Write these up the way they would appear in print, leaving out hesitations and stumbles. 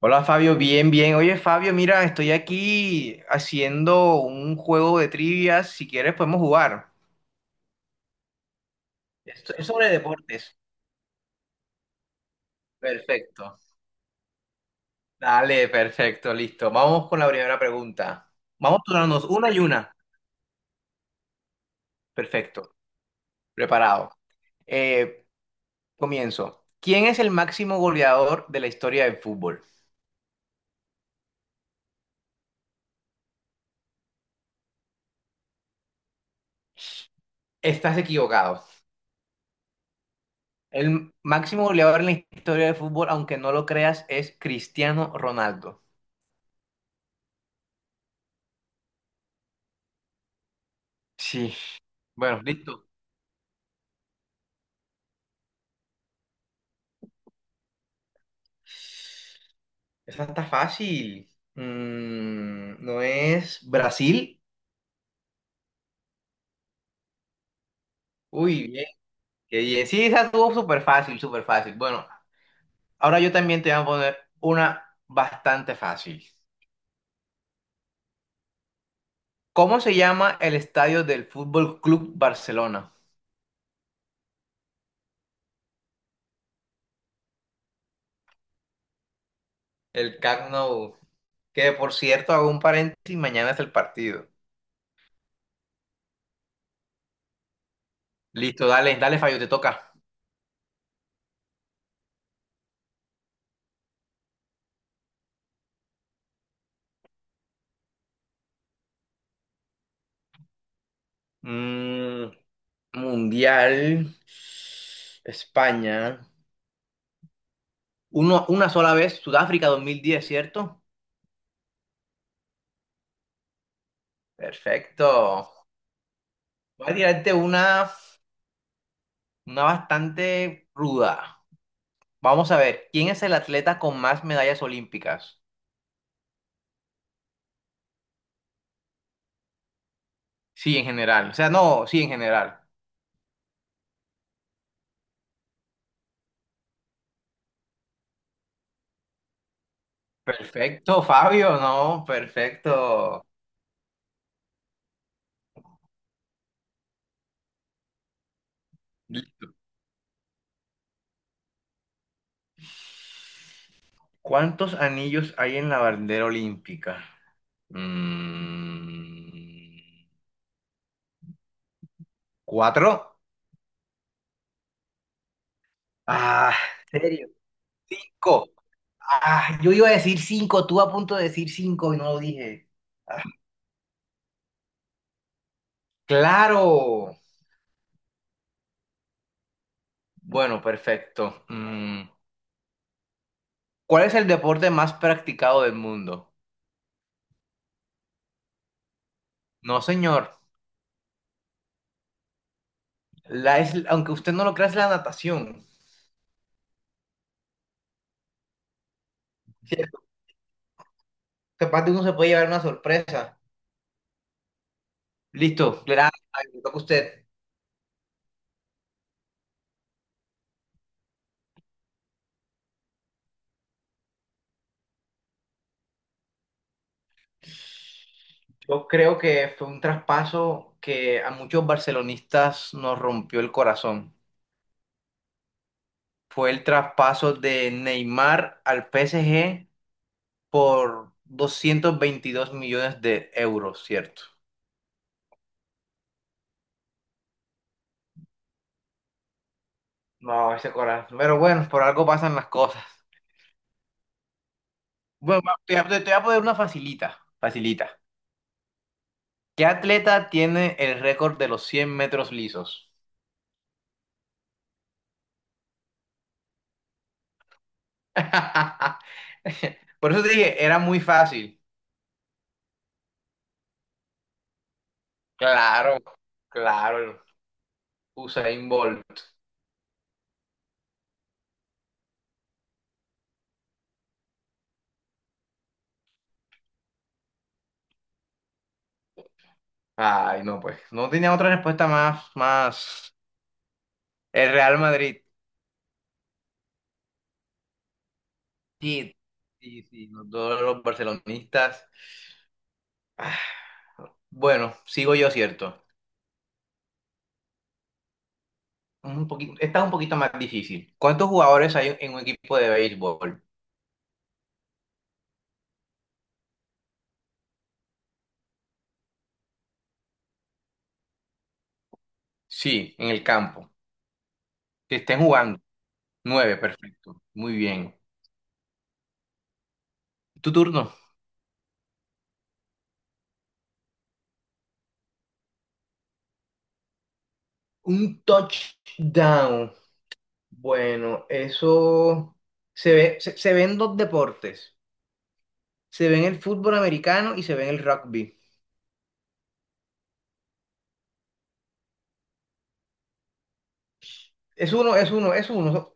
Hola Fabio, bien, bien. Oye Fabio, mira, estoy aquí haciendo un juego de trivias. Si quieres podemos jugar. Esto es sobre deportes. Perfecto. Dale, perfecto, listo. Vamos con la primera pregunta. Vamos turnándonos una y una. Perfecto. Preparado. Eh, comienzo. ¿Quién es el máximo goleador de la historia del fútbol? Estás equivocado. El máximo goleador en la historia del fútbol, aunque no lo creas, es Cristiano Ronaldo. Sí. Bueno, listo. Esa está fácil. ¿No es Brasil? Uy, bien, qué bien. Sí, esa estuvo súper fácil, súper fácil. Bueno, ahora yo también te voy a poner una bastante fácil. ¿Cómo se llama el estadio del Fútbol Club Barcelona? El Camp Nou. Que por cierto, hago un paréntesis, mañana es el partido. Listo, dale, dale, fallo te toca. Mm, Mundial, España. Uno, una sola vez, Sudáfrica 2010, ¿cierto? Perfecto. Voy a tirarte una bastante ruda. Vamos a ver, ¿quién es el atleta con más medallas olímpicas? Sí, en general. O sea, no, sí, en general. Perfecto, Fabio, no, perfecto. ¿Cuántos anillos hay en la bandera olímpica? Mm, ¿Cuatro? Ah, ¿en serio? Cinco. Ah, yo iba a decir cinco, tú a punto de decir cinco y no lo dije. Claro. Bueno, perfecto. ¿Cuál es el deporte más practicado del mundo? No, señor. Aunque usted no lo crea, es la natación. Sí, capaz de uno se puede llevar una sorpresa. Listo, le toca a usted. Yo creo que fue un traspaso que a muchos barcelonistas nos rompió el corazón. Fue el traspaso de Neymar al PSG por 222 millones de euros, ¿cierto? No, ese corazón. Pero bueno, por algo pasan las cosas. Bueno, va, te voy a poner una facilita, facilita. ¿Qué atleta tiene el récord de los 100 metros lisos? Por eso te dije, era muy fácil. Claro, claro. Usain Bolt. Ay, no, pues. No tenía otra respuesta más, más. El Real Madrid. Sí, sí, sí. Los dos los barcelonistas. Ah, bueno, sigo yo, ¿cierto? Un poquito, esta es un poquito más difícil. ¿Cuántos jugadores hay en un equipo de béisbol? Sí, en el campo. Que estén jugando. Nueve, perfecto. Muy bien. Tu turno. Un touchdown. Bueno, eso se ven dos deportes. Se ven el fútbol americano y se ven el rugby. Es uno, es uno, es uno.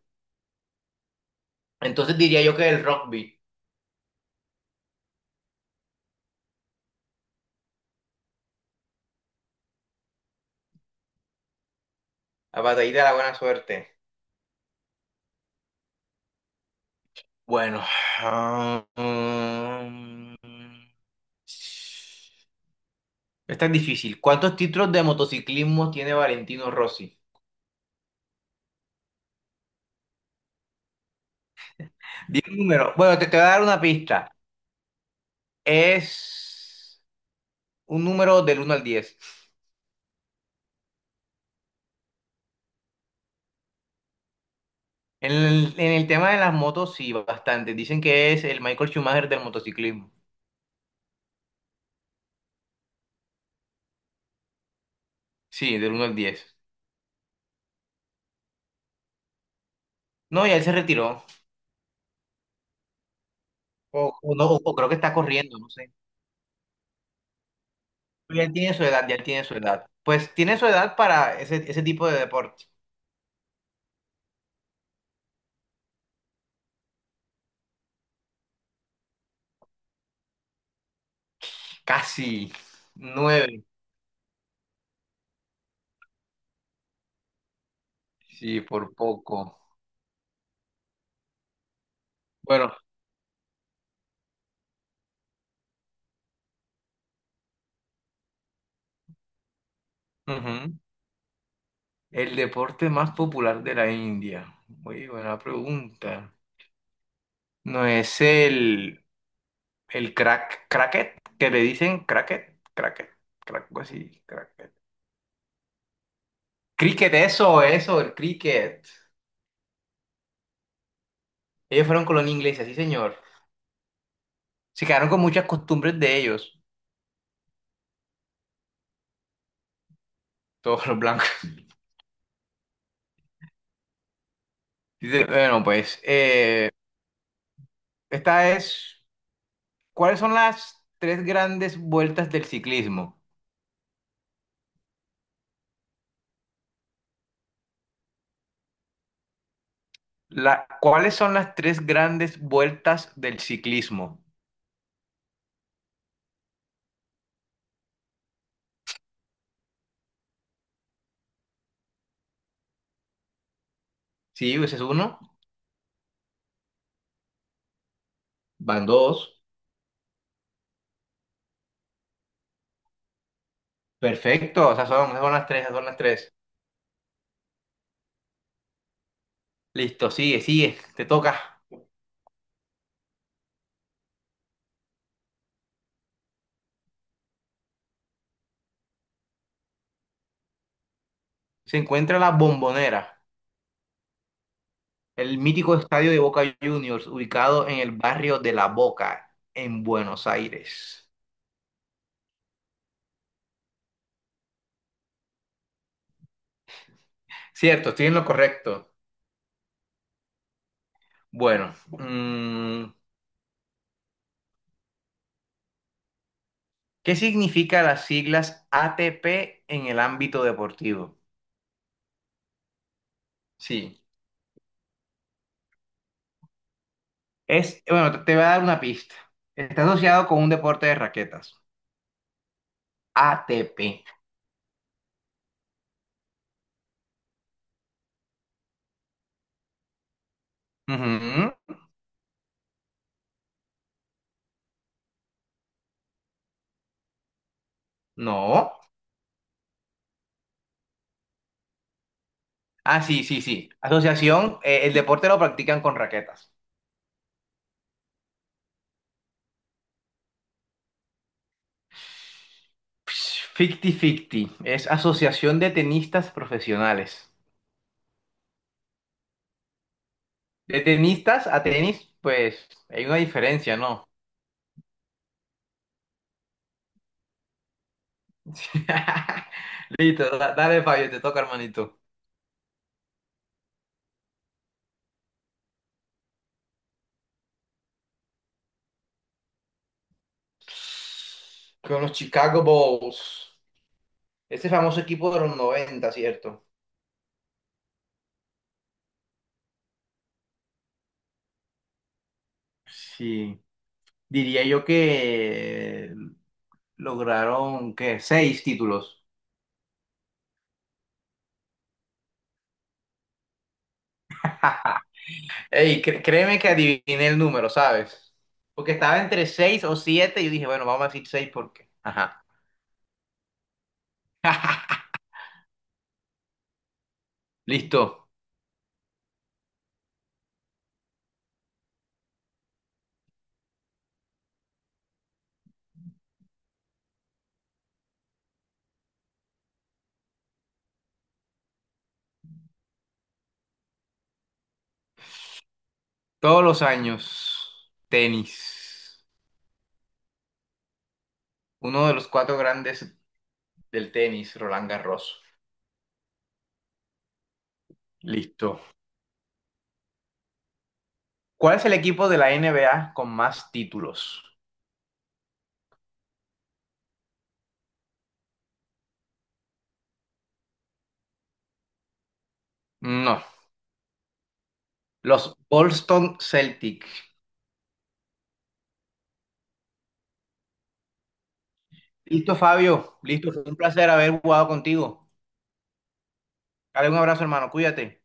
Entonces diría yo que el rugby. La batallita de la buena suerte. Bueno, ah, mm, esta es difícil. ¿Cuántos títulos de motociclismo tiene Valentino Rossi? Di un número. Bueno, te voy a dar una pista. Es un número del uno al diez. En el tema de las motos, sí, bastante. Dicen que es el Michael Schumacher del motociclismo. Sí, del uno al diez. No, ya él se retiró. O no, o creo que está corriendo, no sé. Pero ya él tiene su edad, ya él tiene su edad. Pues tiene su edad para ese tipo de deporte. Casi. Nueve. Sí, por poco. Bueno. Ujú. El deporte más popular de la India. Muy buena pregunta. No es el crack, cracket, que le dicen cracket, cracket, crack, algo así, cracket. Cricket, eso, el cricket. Ellos fueron colonia inglesa, sí, señor. Se quedaron con muchas costumbres de ellos. Todos los blancos. Dice, bueno, pues, esta es, ¿cuáles son las tres grandes vueltas del ciclismo? ¿Cuáles son las tres grandes vueltas del ciclismo? Sí, ese es uno, van dos. Perfecto, o sea, esas son las tres, esas son las tres. Listo, sigue, sigue, te toca. Se encuentra La Bombonera, el mítico estadio de Boca Juniors, ubicado en el barrio de La Boca, en Buenos Aires. Cierto, estoy en lo correcto. Bueno, ¿qué significa las siglas ATP en el ámbito deportivo? Sí, es, bueno, te voy a dar una pista. Está asociado con un deporte de raquetas. ATP. Ujú. No. Ah, sí, sí, sí. Asociación, el deporte lo practican con raquetas. 50-50, es asociación de tenistas profesionales. De tenistas a tenis, pues hay una diferencia, ¿no? Listo, dale Fabio, te toca, hermanito. Con los Chicago Bulls. Ese famoso equipo de los noventa, ¿cierto? Sí, diría yo que lograron, ¿qué? Seis títulos. Ey, créeme que adiviné el número, ¿sabes? Porque estaba entre 6 o 7 y yo dije, bueno, vamos a decir seis porque. Ajá. Listo. Todos los años, tenis. Uno de los cuatro grandes del tenis, Roland Garros. Listo. ¿Cuál es el equipo de la NBA con más títulos? No. Los Boston Celtics. Listo, Fabio. Listo. Fue un placer haber jugado contigo. Dale un abrazo, hermano. Cuídate.